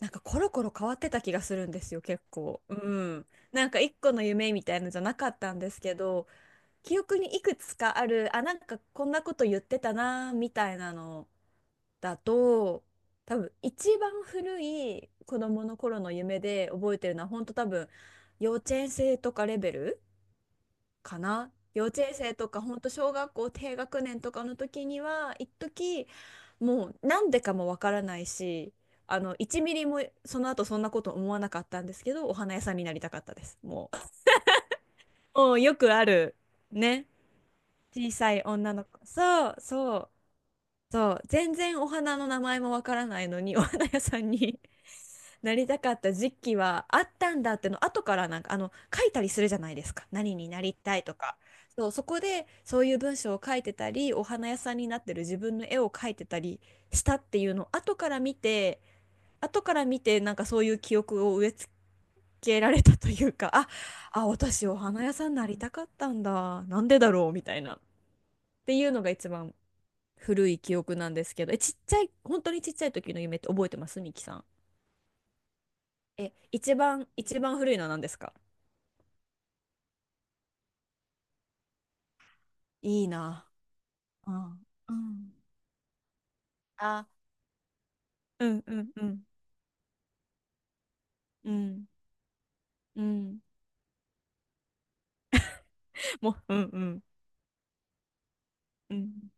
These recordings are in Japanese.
なんかコロコロ変わってた気がするんですよ、結構。うん。なんか一個の夢みたいのじゃなかったんですけど、記憶にいくつかある、あ、なんかこんなこと言ってたな、みたいなのだと、多分一番古い子供の頃の夢で覚えてるのは、本当多分幼稚園生とかレベルかな。幼稚園生とか、本当小学校低学年とかの時には、一時もうなんでかもわからないし、1ミリもその後そんなこと思わなかったんですけど、お花屋さんになりたかったです。もうよくある、ね。小さい女の子。そう、そう。そう全然お花の名前もわからないのに お花屋さんに なりたかった時期はあったんだっての後から、なんか書いたりするじゃないですか、何になりたいとか。そう、そこでそういう文章を書いてたり、お花屋さんになってる自分の絵を描いてたりしたっていうのを後から見て、なんかそういう記憶を植え付けられたというか、ああ私お花屋さんになりたかったんだ、なんでだろうみたいな、っていうのが一番古い記憶なんですけど、え、ちっちゃい、本当にちっちゃい時の夢って覚えてますミキさん。え、一番古いのは何ですか？いいな。うん。うん、あ、うんうんうんうんうん、もう、うんうんうん。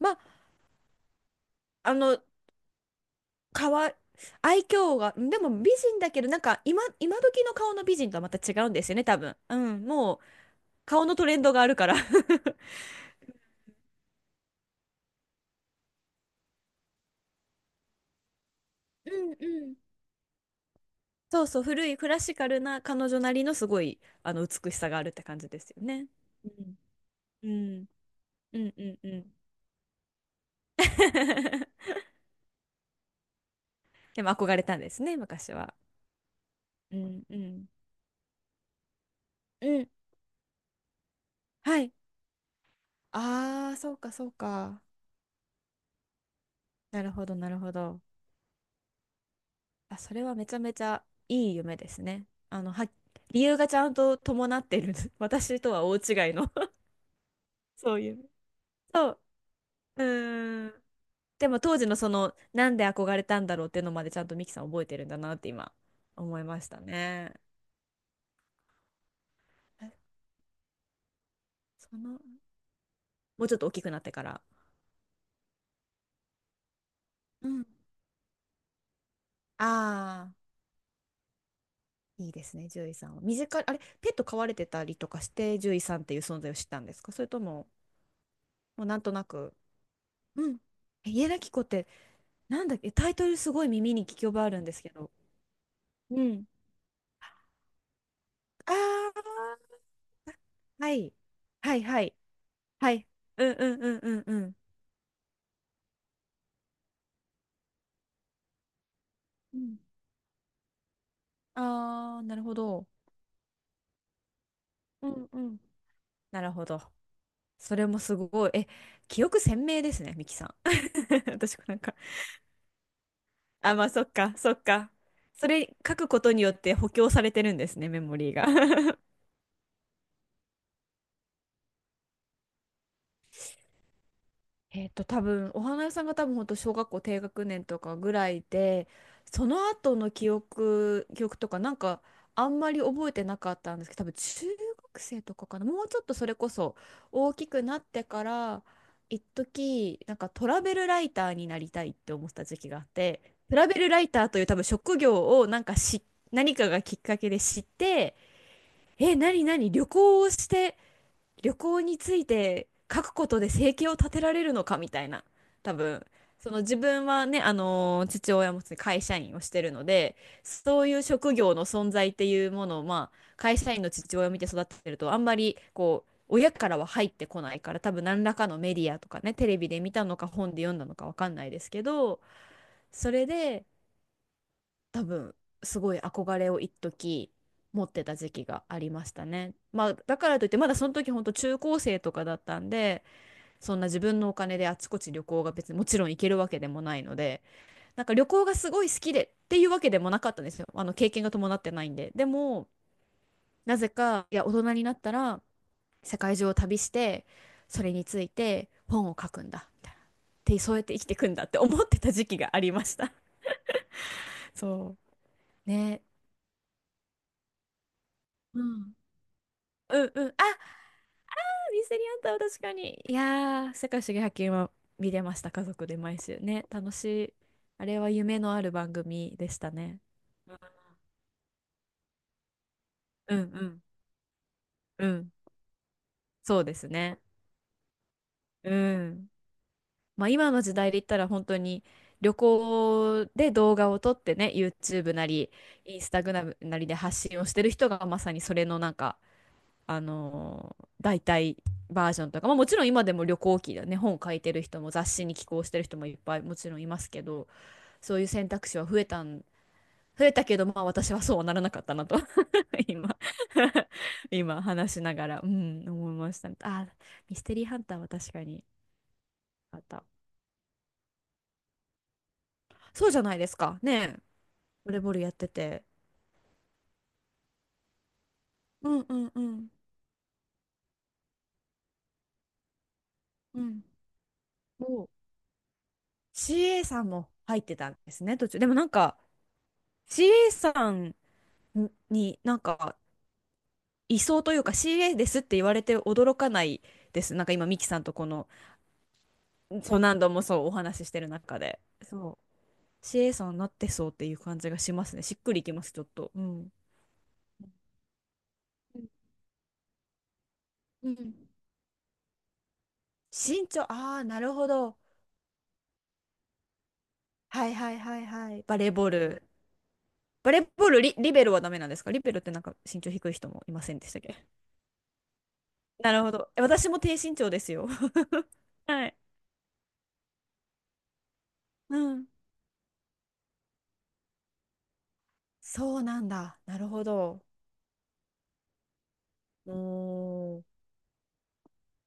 まああの、かわい、愛嬌がでも美人だけど、なんか今時の顔の美人とはまた違うんですよね、多分。うん、もう顔のトレンドがあるから。 うんうん。そうそう、古いクラシカルな彼女なりのすごいあの美しさがあるって感じですよね。うん、うん、うん、うんうん。でも憧れたんですね、昔は。うん、うん、うん。はい。ああ、そうか、そうか。なるほど、なるほど。あ、それはめちゃめちゃいい夢ですね。あの、は、理由がちゃんと伴っている。私とは大違いの。 そういう。そう。うーん。でも当時のそのなんで憧れたんだろうっていうのまでちゃんとミキさん覚えてるんだなって今思いましたね。え、その、もうちょっと大きくなってから。うん、ああ、いいですね、獣医さんは。身近に、あれ、ペット飼われてたりとかして、獣医さんっていう存在を知ったんですか？それとも、もうなんとなく、うん。え、家なき子って、なんだっけ、タイトルすごい耳に聞き覚えあるんですけど。うん。ああ、はい。はいはい。はい。うんうんうんうんうん。うん、ああーなるほど。うんうん。なるほど。それもすごい。え、記憶鮮明ですね、ミキさん。私、なんか、あ、まあ、そっか、そっか。それ書くことによって補強されてるんですね、メモリーが。多分、お花屋さんが多分本当小学校低学年とかぐらいで、その後の記憶とか、なんかあんまり覚えてなかったんですけど、多分中学生とかかな。もうちょっとそれこそ大きくなってから、一時、なんかトラベルライターになりたいって思ってた時期があって、トラベルライターという多分職業をなんかし、何かがきっかけで知って、え、何、何旅行をして、旅行について書くことで生計を立てられるのかみたいな。多分その、自分はね、父親も会社員をしてるので、そういう職業の存在っていうものを、まあ会社員の父親を見て育ってるとあんまりこう親からは入ってこないから、多分何らかのメディアとかね、テレビで見たのか本で読んだのかわかんないですけど、それで多分すごい憧れを一時持ってた時期がありましたね。まあだからといってまだその時本当中高生とかだったんで、そんな自分のお金であちこち旅行が別にもちろん行けるわけでもないので、なんか旅行がすごい好きでっていうわけでもなかったんですよ。あの経験が伴ってないんで。でもなぜか、いや大人になったら世界中を旅してそれについて本を書くんだみたいな。でそうやって生きていくんだって思ってた時期がありました。そう。ね。うん。うんうん。あ、ミステリーハンターは確かに。いやー、世界不思議発見は見れました、家族で毎週ね。楽しい。あれは夢のある番組でしたね。うんうんうん。そうですね。うん。まあ今の時代で言ったら本当に旅行で動画を撮ってね、YouTube なり、Instagram なりで発信をしてる人がまさにそれのなんか、代替バージョンとか。まあ、もちろん今でも旅行記だね、本書いてる人も雑誌に寄稿してる人もいっぱいもちろんいますけど、そういう選択肢は増えたけど、まあ私はそうはならなかったなと 今 今話しながら、うん、思いました。あ、ミステリーハンターは確かにあった。そうじゃないですか。ねえ、ボレボールやってて。うんうんうん。うん。お、CA さんも入ってたんですね、途中。でもなんか、CA さんになんか、いそうというか、 CA ですって言われて驚かないです。なんか今、ミキさんとこの、そう何度もそうお話ししてる中で。そう、シエさんなってそうっていう感じがしますね。しっくりいきます、ちょっと。うん。うん。身長、ああ、なるほど。はいはいはいはい。バレーボール。リベロはダメなんですか？リベロってなんか身長低い人もいませんでしたっけ？なるほど。え、私も低身長ですよ。はい。うん。そうなんだ。なるほど。おー、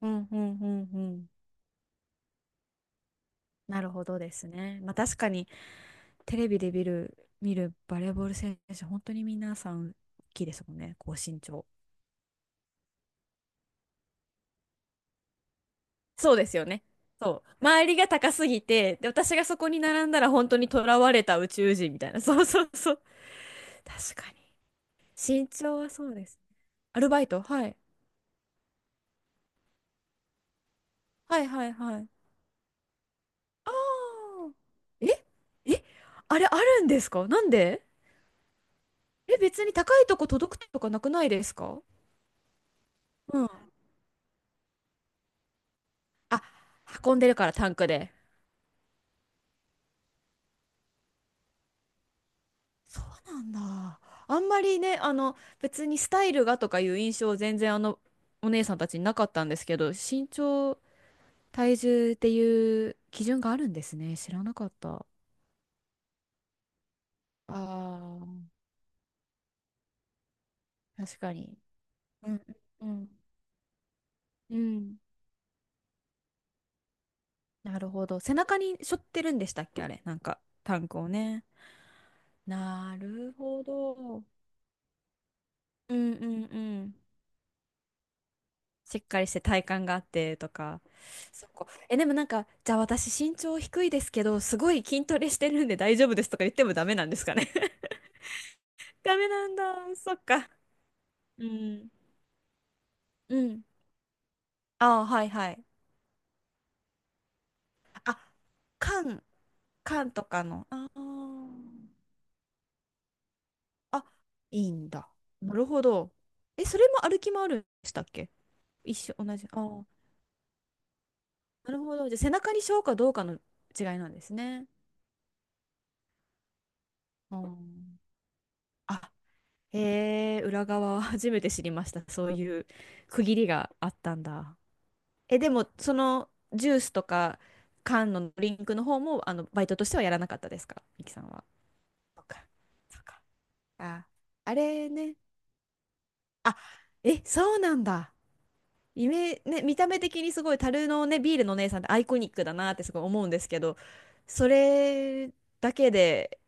うんうんうんうん。なるほどですね。まあ確かにテレビで見るバレーボール選手、本当に皆さん大きいですもんね。高身長。そうですよね。そう。周りが高すぎて、で、私がそこに並んだら本当に囚われた宇宙人みたいな。そうそうそう。確かに。身長はそうです。アルバイト、はい。はいはいはい。ああ。ええ、あれあるんですか？なんで？え、別に高いとこ届くとかなくないですか？うん。あ、運んでるからタンクで。そうなんだ。あんまりね、あの、別にスタイルがとかいう印象全然あの、お姉さんたちになかったんですけど、身長体重っていう基準があるんですね。知らなかった。ああ、確かに。うんうんうん。うん、なるほど。背中に背負ってるんでしたっけ、あれ。なんか、タンクをね。なるほど。うんうんうん。しっかりして体幹があってとか。そこ。え、でもなんか、じゃあ私身長低いですけど、すごい筋トレしてるんで大丈夫ですとか言ってもダメなんですかね。ダメなんだ。そっか。うん。うん。ああ、はいはい。あ、缶缶とかの。ああ。あ、いいんだ。なるほど。え、それも歩き回るんでしたっけ？一緒、同じ。ああ。なるほど。じゃあ、背中にしようかどうかの違いなんですね。あー、あ、へえ、裏側は 初めて知りました。そういう区切りがあったんだ。え、でも、そのジュースとか缶のドリンクの方も、あの、バイトとしてはやらなかったですか、ミキさんは。そっか、そっか。あ、あれね。あ、え、そうなんだ。イメ、ね、見た目的にすごい樽のね、ビールのお姉さんってアイコニックだなってすごい思うんですけど、それだけで、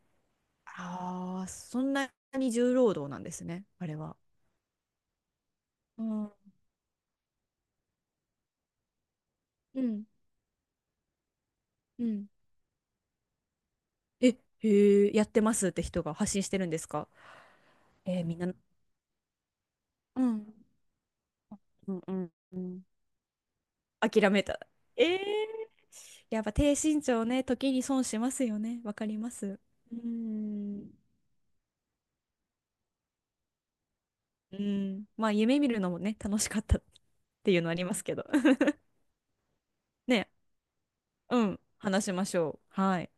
ああ、そんなに重労働なんですね、あれは。うん。うん、うん。え、へえ、やってますって人が発信してるんですか？えーみんな、うん、うん、うん、うん。諦めた。ええ、やっぱ低身長ね、時に損しますよね。わかります。うん。うん。まあ、夢見るのもね、楽しかったっていうのありますけど。ね、うん、話しましょう。はい。